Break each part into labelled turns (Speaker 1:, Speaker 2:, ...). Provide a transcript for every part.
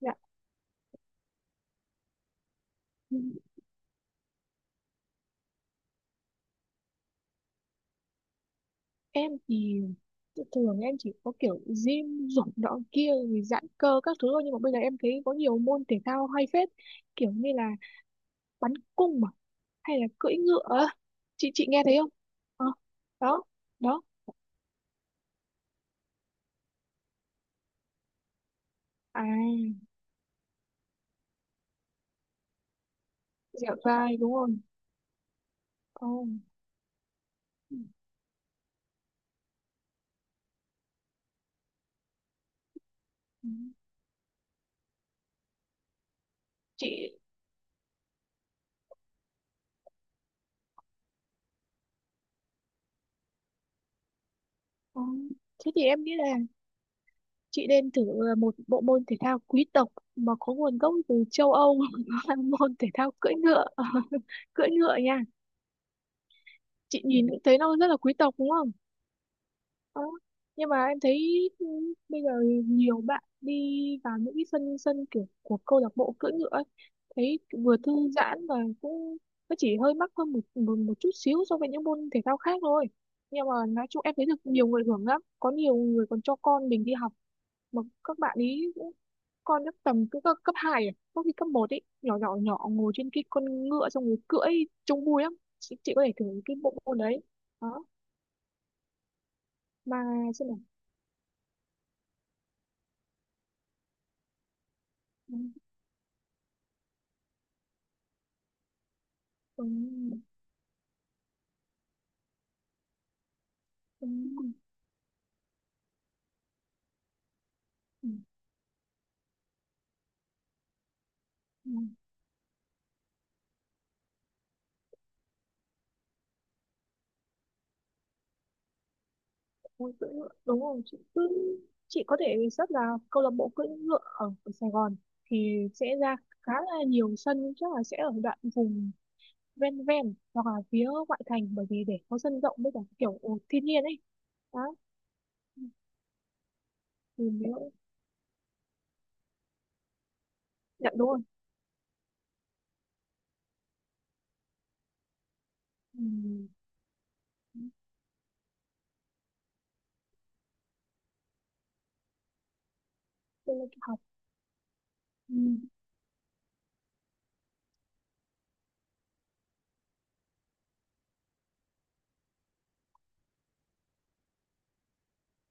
Speaker 1: Dạ. Em thì thường em chỉ có kiểu gym dục nọ kia rồi giãn cơ các thứ thôi, nhưng mà bây giờ em thấy có nhiều môn thể thao hay phết, kiểu như là bắn cung, mà hay là cưỡi ngựa á. Chị nghe thấy không? Ờ, đó đó à, dẻo dai đúng không? Ồ. Ừ, ừ. Chị ờ, thế thì em nghĩ là chị nên thử một bộ môn thể thao quý tộc mà có nguồn gốc từ châu Âu là môn thể thao cưỡi ngựa. Cưỡi ngựa nha. Chị nhìn cũng thấy nó rất là quý tộc đúng không? Đó. Nhưng mà em thấy ừ, bây giờ nhiều bạn đi vào những cái sân sân kiểu của câu lạc bộ cưỡi ngựa ấy, thấy vừa thư giãn và cũng nó chỉ hơi mắc hơn một, một một chút xíu so với những môn thể thao khác thôi. Nhưng mà nói chung em thấy được nhiều người hưởng lắm, có nhiều người còn cho con mình đi học, mà các bạn ý cũng con chắc tầm cứ cấp cấp hai, à có khi cấp 1 ấy, nhỏ nhỏ nhỏ ngồi trên cái con ngựa xong rồi cưỡi, trông vui lắm chị có thể thử cái bộ môn đấy. Đó, ba chữ này. Đúng, đúng, đúng, đúng. Ôi, cưỡi ngựa. Đúng rồi, chị cứ, chị có thể search là câu lạc bộ cưỡi ngựa ở Sài Gòn thì sẽ ra khá là nhiều sân, chắc là sẽ ở đoạn vùng ven ven hoặc là phía ngoại thành, bởi vì để có sân rộng với cả kiểu thiên nhiên ấy. Đó thì nếu, dạ đúng rồi, ừ. Tôi lên học, ừ.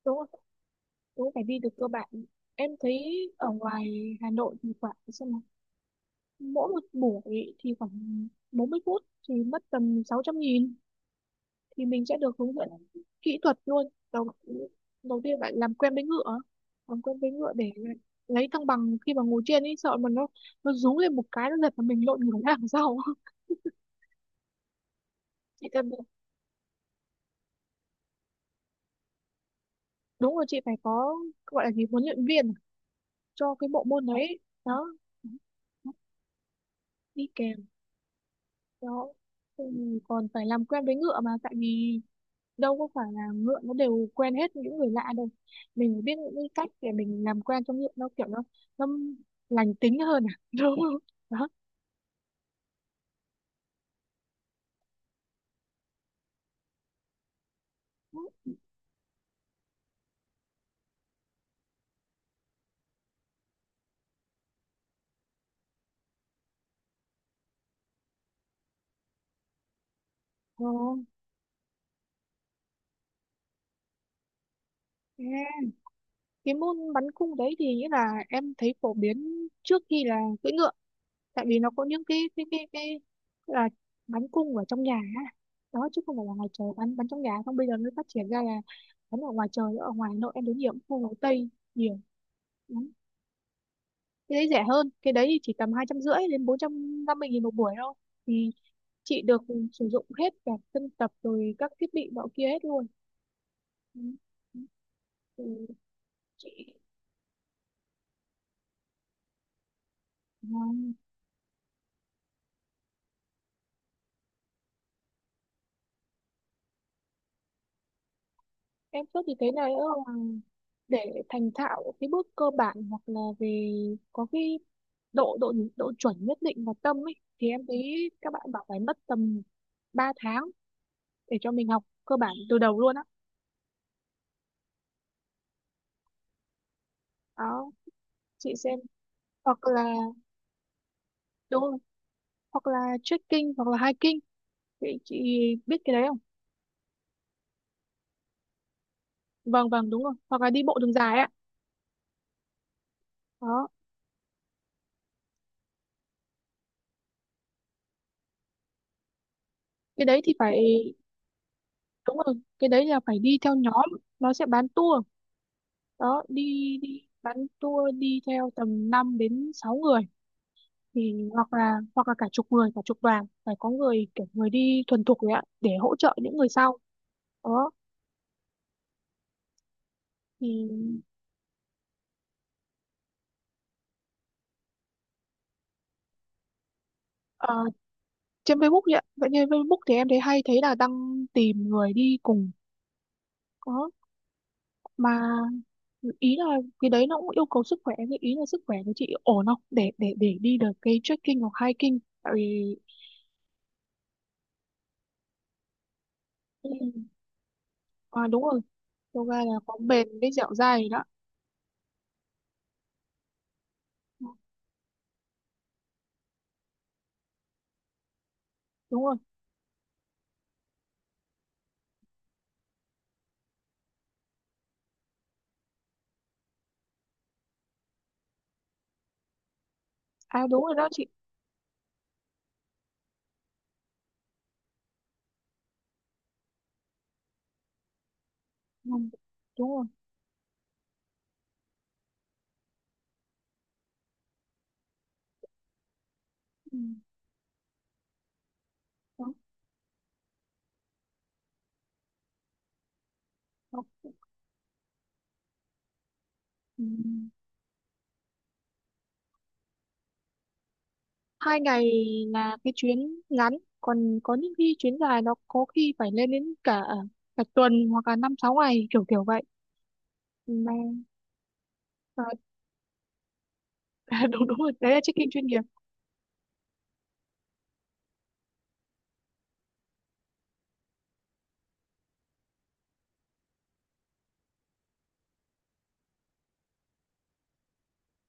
Speaker 1: Đúng rồi, đúng rồi, phải đi được cơ bản. Em thấy ở ngoài Hà Nội thì khoảng xem, mỗi một buổi thì khoảng 40 phút thì mất tầm 600.000, thì mình sẽ được hướng dẫn kỹ thuật luôn. đầu, Đầu tiên bạn làm quen với ngựa, làm quen với ngựa để lấy thăng bằng, khi mà ngồi trên ấy sợ mà nó rú lên một cái nó giật mà mình lộn ngửa ra đằng sau. Chị cần, đúng rồi chị phải có, gọi là gì, huấn luyện viên cho cái bộ môn đấy, đó, đi kèm. Đó, ừ, còn phải làm quen với ngựa, mà tại vì đâu có phải là ngựa nó đều quen hết những người lạ đâu, mình phải biết những cái cách để mình làm quen cho ngựa nó kiểu nó lành tính hơn à. Đúng không? Đó. Ờ, thế cái môn bắn cung đấy thì nghĩa là em thấy phổ biến trước khi là cưỡi ngựa, tại vì nó có những cái là bắn cung ở trong nhà á. Đó, chứ không phải là ngoài trời, bắn bắn trong nhà, không bây giờ mới phát triển ra là bắn ở ngoài trời. Ở ngoài Hà Nội em đến nhiều khu phố Tây, nhiều cái đấy rẻ hơn, cái đấy thì chỉ tầm 250.000 đến 450.000 một buổi thôi, thì chị được sử dụng hết cả sân tập rồi các thiết bị nọ kia hết luôn. Ừ. Ừ. Chị à, em suốt thì thấy này nữa là để thành thạo cái bước cơ bản hoặc là về có cái độ độ độ chuẩn nhất định và tâm ấy, thì em thấy các bạn bảo phải mất tầm 3 tháng để cho mình học cơ bản từ đầu luôn á. Đó. Chị xem hoặc là, đúng rồi, hoặc là trekking hoặc là hiking. Chị biết cái đấy không? Vâng vâng, đúng rồi. Hoặc là đi bộ đường dài ạ. Đó, cái đấy thì phải, đúng rồi, cái đấy là phải đi theo nhóm, nó sẽ bán tour. Đó, đi đi bán tour đi theo tầm 5 đến 6 người, thì hoặc là cả chục người, cả chục đoàn, phải có người kiểu người đi thuần thục đấy ạ để hỗ trợ những người sau. Đó thì ờ, trên Facebook vậy ạ. Vậy trên Facebook thì em thấy hay thấy là đăng tìm người đi cùng. Đó, mà ý là cái đấy nó cũng yêu cầu sức khỏe, cái ý là sức khỏe của chị ổn không để đi được cái trekking hoặc hiking, tại vì ừ. À, đúng rồi, yoga là có bền với dẻo dai rồi đó, đúng rồi. À đúng rồi đó chị. Ừ. Đúng rồi. Ừ. Đó. Đó. Ừ. 2 ngày là cái chuyến ngắn, còn có những khi chuyến dài nó có khi phải lên đến cả cả tuần hoặc là 5 6 ngày kiểu kiểu vậy. Ừ, mà à, đúng đúng rồi, đấy là trekking chuyên nghiệp,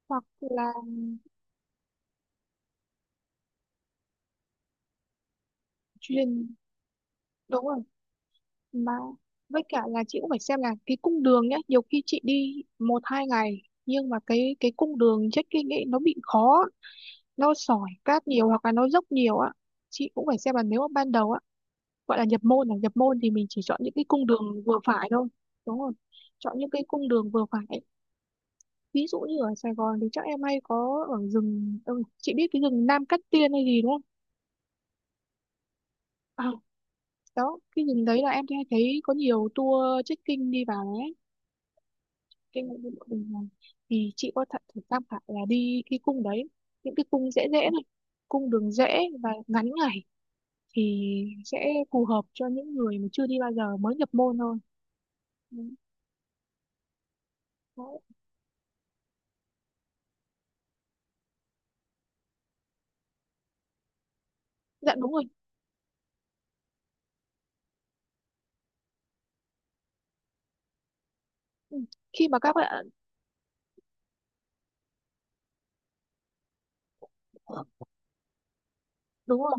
Speaker 1: hoặc là chuyên. Đúng rồi mà, với cả là chị cũng phải xem là cái cung đường nhá, nhiều khi chị đi 1 2 ngày nhưng mà cái cung đường trekking ấy nó bị khó, nó sỏi cát nhiều hoặc là nó dốc nhiều á. Chị cũng phải xem là nếu mà ban đầu á, gọi là nhập môn thì mình chỉ chọn những cái cung đường vừa phải thôi, đúng không? Chọn những cái cung đường vừa phải, ví dụ như ở Sài Gòn thì chắc em hay có ở rừng, ừ, chị biết cái rừng Nam Cát Tiên hay gì đúng không? À, đó cái rừng đấy là em hay thấy có nhiều tour trekking đi vào đấy. Cái ngôi vua của mình này, thì chị có thể thử tham khảo là đi cái cung đấy, những cái cung dễ dễ này, cung đường dễ và ngắn ngày thì sẽ phù hợp cho những người mà chưa đi bao giờ mới nhập môn thôi. Ừ, đó. Dạ đúng rồi, khi mà các bạn, đúng rồi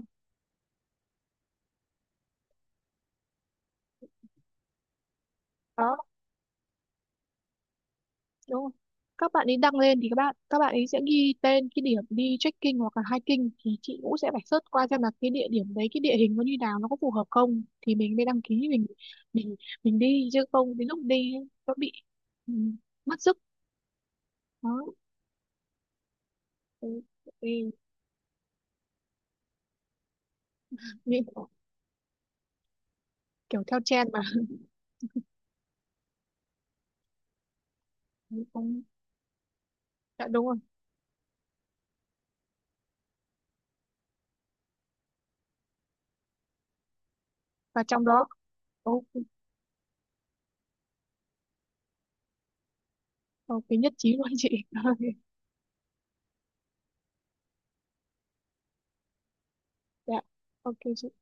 Speaker 1: đó, đúng rồi, các bạn ấy đăng lên thì các bạn ấy sẽ ghi tên cái điểm đi trekking hoặc là hiking, thì chị cũng sẽ phải search qua xem là cái địa điểm đấy cái địa hình nó như nào, nó có phù hợp không thì mình mới đăng ký, mình mình đi, chứ không đến lúc đi ấy, nó bị ừ, mất sức. Đó, ừ, ừ, nghĩ kiểu theo trend mà. Ừ, cũng dạ đúng rồi, và trong đó, ok, ok nhất trí luôn chị. Dạ, ok.